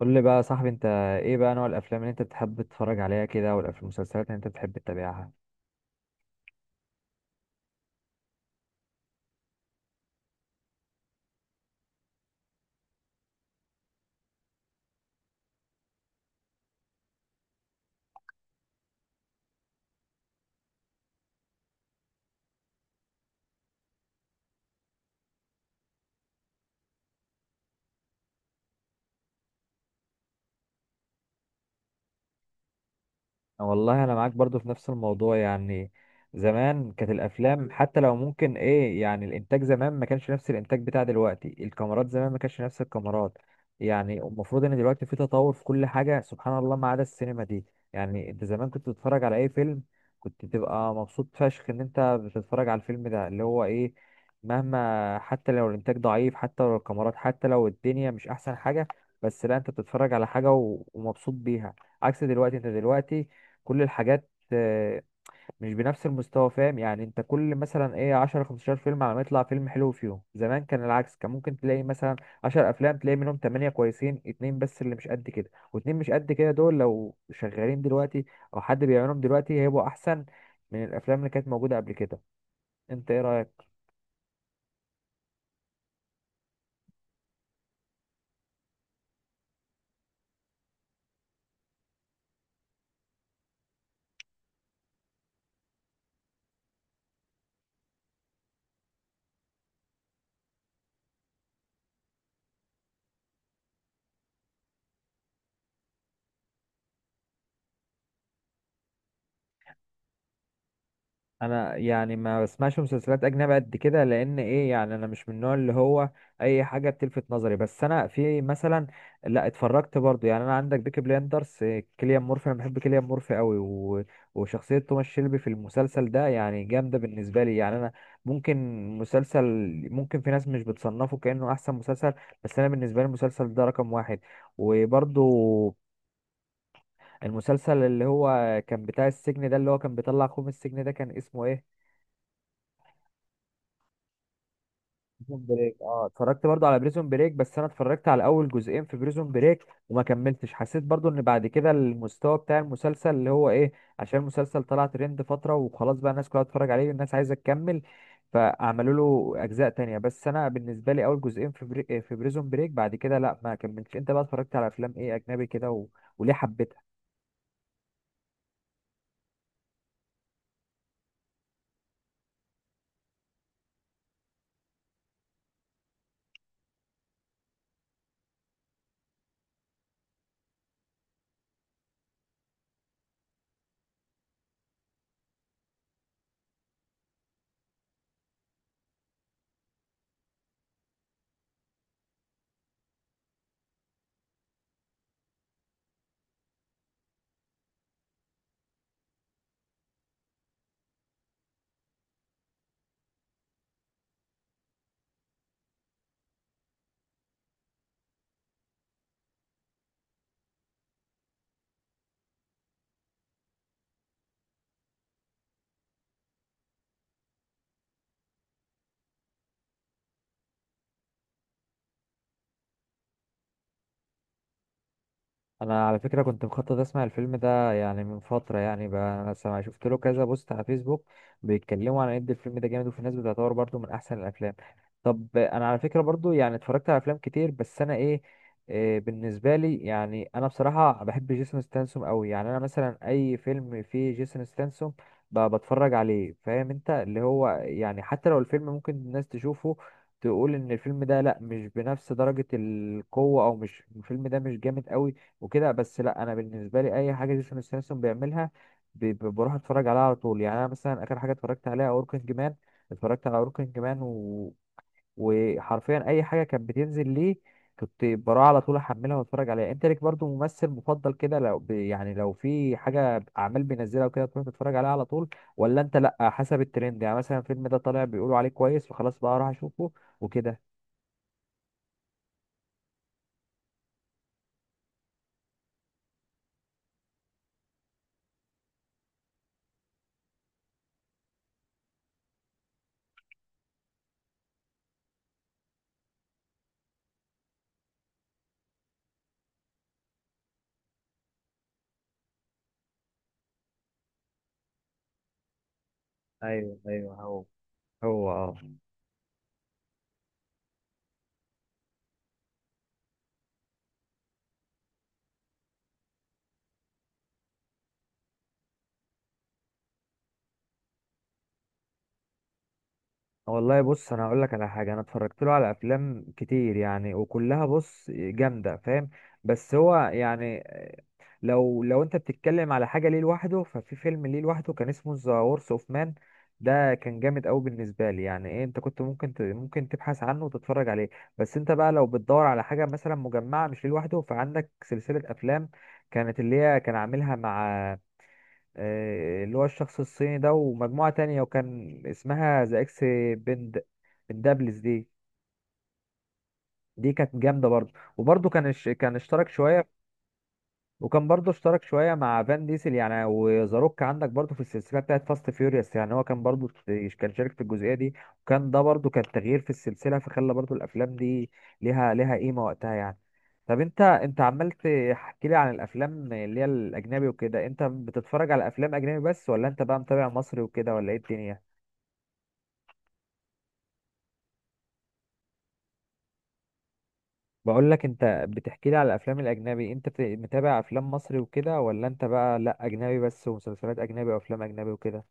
قول لي بقى يا صاحبي انت، ايه بقى نوع الافلام اللي انت بتحب تتفرج عليها كده والمسلسلات اللي انت بتحب تتابعها؟ والله انا معاك برضو في نفس الموضوع يعني. زمان كانت الافلام حتى لو ممكن ايه يعني الانتاج زمان ما كانش نفس الانتاج بتاع دلوقتي، الكاميرات زمان ما كانش نفس الكاميرات. يعني المفروض ان دلوقتي في تطور في كل حاجة سبحان الله ما عدا السينما دي. يعني انت زمان كنت تتفرج على اي فيلم كنت تبقى مبسوط فشخ ان انت بتتفرج على الفيلم ده اللي هو ايه، مهما حتى لو الانتاج ضعيف حتى لو الكاميرات حتى لو الدنيا مش احسن حاجة، بس لا انت بتتفرج على حاجة ومبسوط بيها. عكس دلوقتي، انت دلوقتي كل الحاجات آه، مش بنفس المستوى. فاهم يعني انت كل مثلا ايه 10 15 فيلم على ما يطلع فيلم حلو فيهم. زمان كان العكس، كان ممكن تلاقي مثلا 10 افلام تلاقي منهم 8 كويسين، اتنين بس اللي مش قد كده، واتنين مش قد كده دول لو شغالين دلوقتي او حد بيعملهم دلوقتي هيبقوا احسن من الافلام اللي كانت موجودة قبل كده. انت ايه رأيك؟ انا يعني ما بسمعش مسلسلات اجنبي قد كده، لان ايه يعني انا مش من النوع اللي هو اي حاجه بتلفت نظري. بس انا في مثلا، لا اتفرجت برضو، يعني انا عندك بيكي بليندرز، كيليان مورفي. انا بحب كيليان مورفي قوي و... وشخصيه توماس شيلبي في المسلسل ده يعني جامده بالنسبه لي. يعني انا ممكن مسلسل، ممكن في ناس مش بتصنفه كانه احسن مسلسل، بس انا بالنسبه لي المسلسل ده رقم واحد. وبرضو المسلسل اللي هو كان بتاع السجن ده اللي هو كان بيطلع اخوه من السجن ده كان اسمه ايه؟ بريزون بريك، اه، اتفرجت برضو على بريزون بريك، بس انا اتفرجت على اول جزئين في بريزون بريك وما كملتش. حسيت برضو ان بعد كده المستوى بتاع المسلسل اللي هو ايه، عشان المسلسل طلع ترند فترة وخلاص بقى الناس كلها بتتفرج عليه والناس عايزة تكمل فعملوا له اجزاء تانية. بس انا بالنسبة لي اول جزئين في في بريزون بريك، بعد كده لا ما كملتش. انت بقى اتفرجت على افلام ايه اجنبي كده و... وليه حبيتها؟ انا على فكره كنت مخطط اسمع الفيلم ده يعني من فتره يعني، بقى انا سمع شفت له كذا بوست على فيسبوك بيتكلموا عن قد الفيلم ده جامد، وفي ناس بتعتبره برضو من احسن الافلام. طب انا على فكره برضو يعني اتفرجت على افلام كتير، بس انا ايه, إيه بالنسبه لي يعني انا بصراحه بحب جيسون ستانسوم قوي. يعني انا مثلا اي فيلم فيه جيسون ستانسوم بتفرج عليه. فاهم انت اللي هو يعني حتى لو الفيلم ممكن الناس تشوفه تقول ان الفيلم ده لا مش بنفس درجة القوة او مش الفيلم ده مش جامد قوي وكده، بس لا انا بالنسبه لي اي حاجه جيسون ستاثام بيعملها بروح اتفرج عليها على طول. يعني انا مثلا اخر حاجه اتفرجت عليها اوركينج مان، اتفرجت على اوركينج مان و... وحرفيا اي حاجه كانت بتنزل ليه كنت بروح على طول احملها واتفرج عليها. انت ليك برضو ممثل مفضل كده لو ب... يعني لو في حاجه اعمال بينزلها وكده تروح تتفرج عليها على طول، ولا انت لا حسب الترند يعني مثلا الفيلم ده طالع بيقولوا عليه كويس فخلاص بقى اروح اشوفه وكده؟ ايوه ايوه هو، هو اه. والله بص انا هقول لك على حاجه، انا اتفرجت له على افلام كتير يعني وكلها بص جامده فاهم. بس هو يعني لو انت بتتكلم على حاجه ليه لوحده، ففي فيلم ليه لوحده كان اسمه ذا وورس اوف مان، ده كان جامد قوي بالنسبه لي يعني ايه، انت كنت ممكن ممكن تبحث عنه وتتفرج عليه. بس انت بقى لو بتدور على حاجه مثلا مجمعه مش ليه لوحده، فعندك سلسله افلام كانت اللي هي كان عاملها مع آه، اللي هو الشخص الصيني ده ومجموعة تانية وكان اسمها ذا اكس بند بندابلز. دي دي كانت جامدة برضه، وبرضه كان كان اشترك شوية وكان برضه اشترك شويه مع فان ديسل يعني، وزاروك عندك برضه في السلسله بتاعت فاست فيوريوس. يعني هو كان برضه كان شارك في الجزئيه دي، وكان ده برضه كان تغيير في السلسله فخلى برضه الافلام دي ليها قيمه وقتها يعني. طب انت، انت عمال تحكي لي عن الافلام اللي هي الاجنبي وكده، انت بتتفرج على افلام اجنبي بس ولا انت بقى متابع مصري وكده، ولا ايه الدنيا؟ بقول لك انت بتحكي لي على الافلام الاجنبي، انت متابع افلام مصري وكده ولا انت بقى لا اجنبي بس ومسلسلات اجنبي وافلام اجنبي وكده؟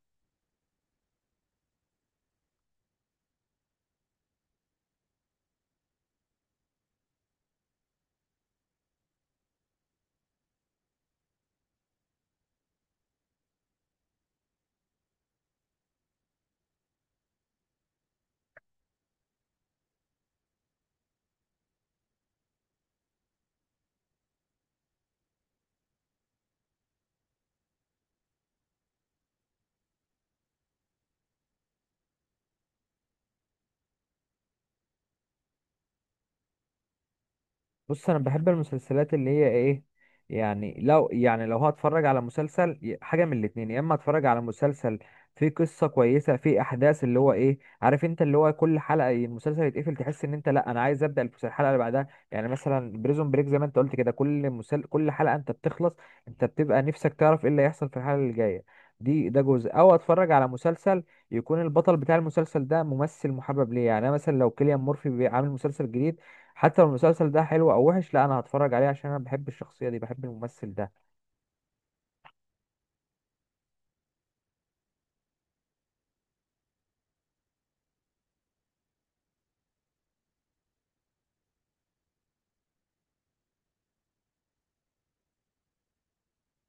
بص انا بحب المسلسلات اللي هي ايه، يعني لو يعني لو هتفرج على مسلسل حاجه من الاتنين، يا اما اتفرج على مسلسل فيه قصه كويسه فيه احداث اللي هو ايه عارف انت اللي هو كل حلقه المسلسل يتقفل تحس ان انت لا انا عايز ابدا الحلقه اللي بعدها، يعني مثلا بريزون بريك زي ما انت قلت كده كل كل حلقه انت بتخلص انت بتبقى نفسك تعرف ايه اللي هيحصل في الحلقه اللي جايه. دي ده جزء، او اتفرج على مسلسل يكون البطل بتاع المسلسل ده ممثل محبب ليه، يعني انا مثلا لو كيليان مورفي عامل مسلسل جديد، حتى لو المسلسل ده حلو او وحش لا انا هتفرج عليه عشان انا بحب الشخصيه دي بحب الممثل ده.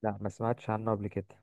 لا ما سمعتش عنه قبل كده.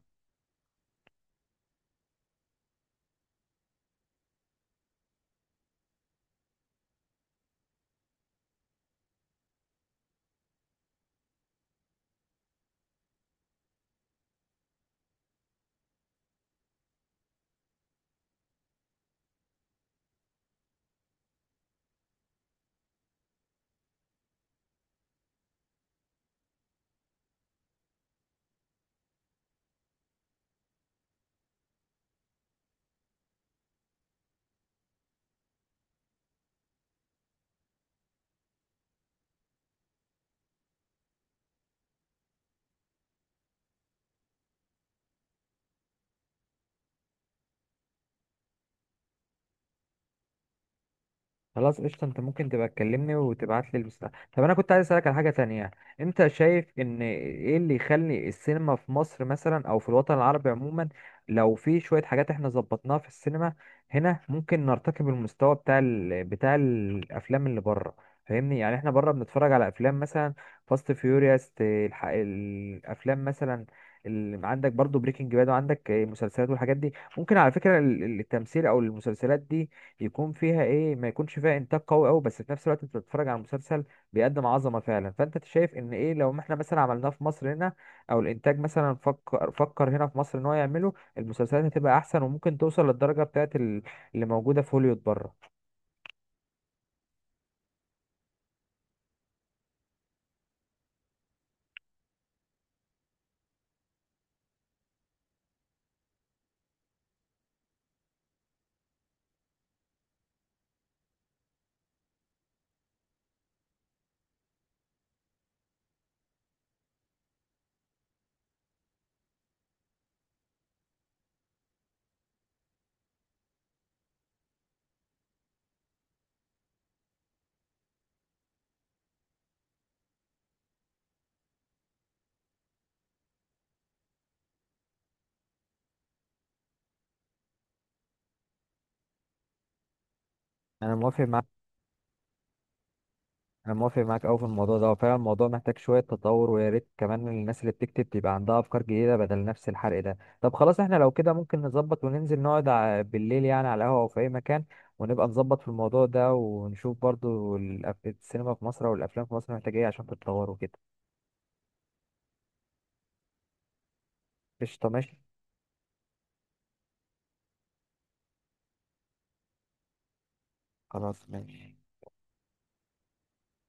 خلاص قشطة، انت ممكن تبقى تكلمني وتبعت لي المستقبل. طب انا كنت عايز اسألك على حاجة تانية، انت شايف ان ايه اللي يخلي السينما في مصر مثلا او في الوطن العربي عموما، لو في شوية حاجات احنا ظبطناها في السينما هنا ممكن نرتقي بالمستوى بتاع بتاع الافلام اللي بره؟ فاهمني يعني احنا بره بنتفرج على افلام مثلا فاست فيوريوس، الافلام مثلا عندك برضو بريكنج باد وعندك مسلسلات والحاجات دي. ممكن على فكرة التمثيل او المسلسلات دي يكون فيها ايه، ما يكونش فيها انتاج قوي قوي، بس في نفس الوقت انت بتتفرج على مسلسل بيقدم عظمه فعلا. فانت شايف ان ايه لو ما احنا مثلا عملناه في مصر هنا، او الانتاج مثلا فكر هنا في مصر ان هو يعمله، المسلسلات هتبقى احسن وممكن توصل للدرجه بتاعت اللي موجوده في هوليوود بره. انا موافق. انا موافق معاك قوي في الموضوع ده، وفعلا الموضوع محتاج شويه تطور، ويا ريت كمان الناس اللي بتكتب تبقى عندها افكار جديده بدل نفس الحرق ده. طب خلاص احنا لو كده ممكن نظبط وننزل نقعد بالليل يعني على قهوه او في اي مكان، ونبقى نظبط في الموضوع ده ونشوف برضو السينما في مصر او الافلام في مصر محتاجه ايه عشان تتطور وكده. قشطه ماشي. خلاص ماشي.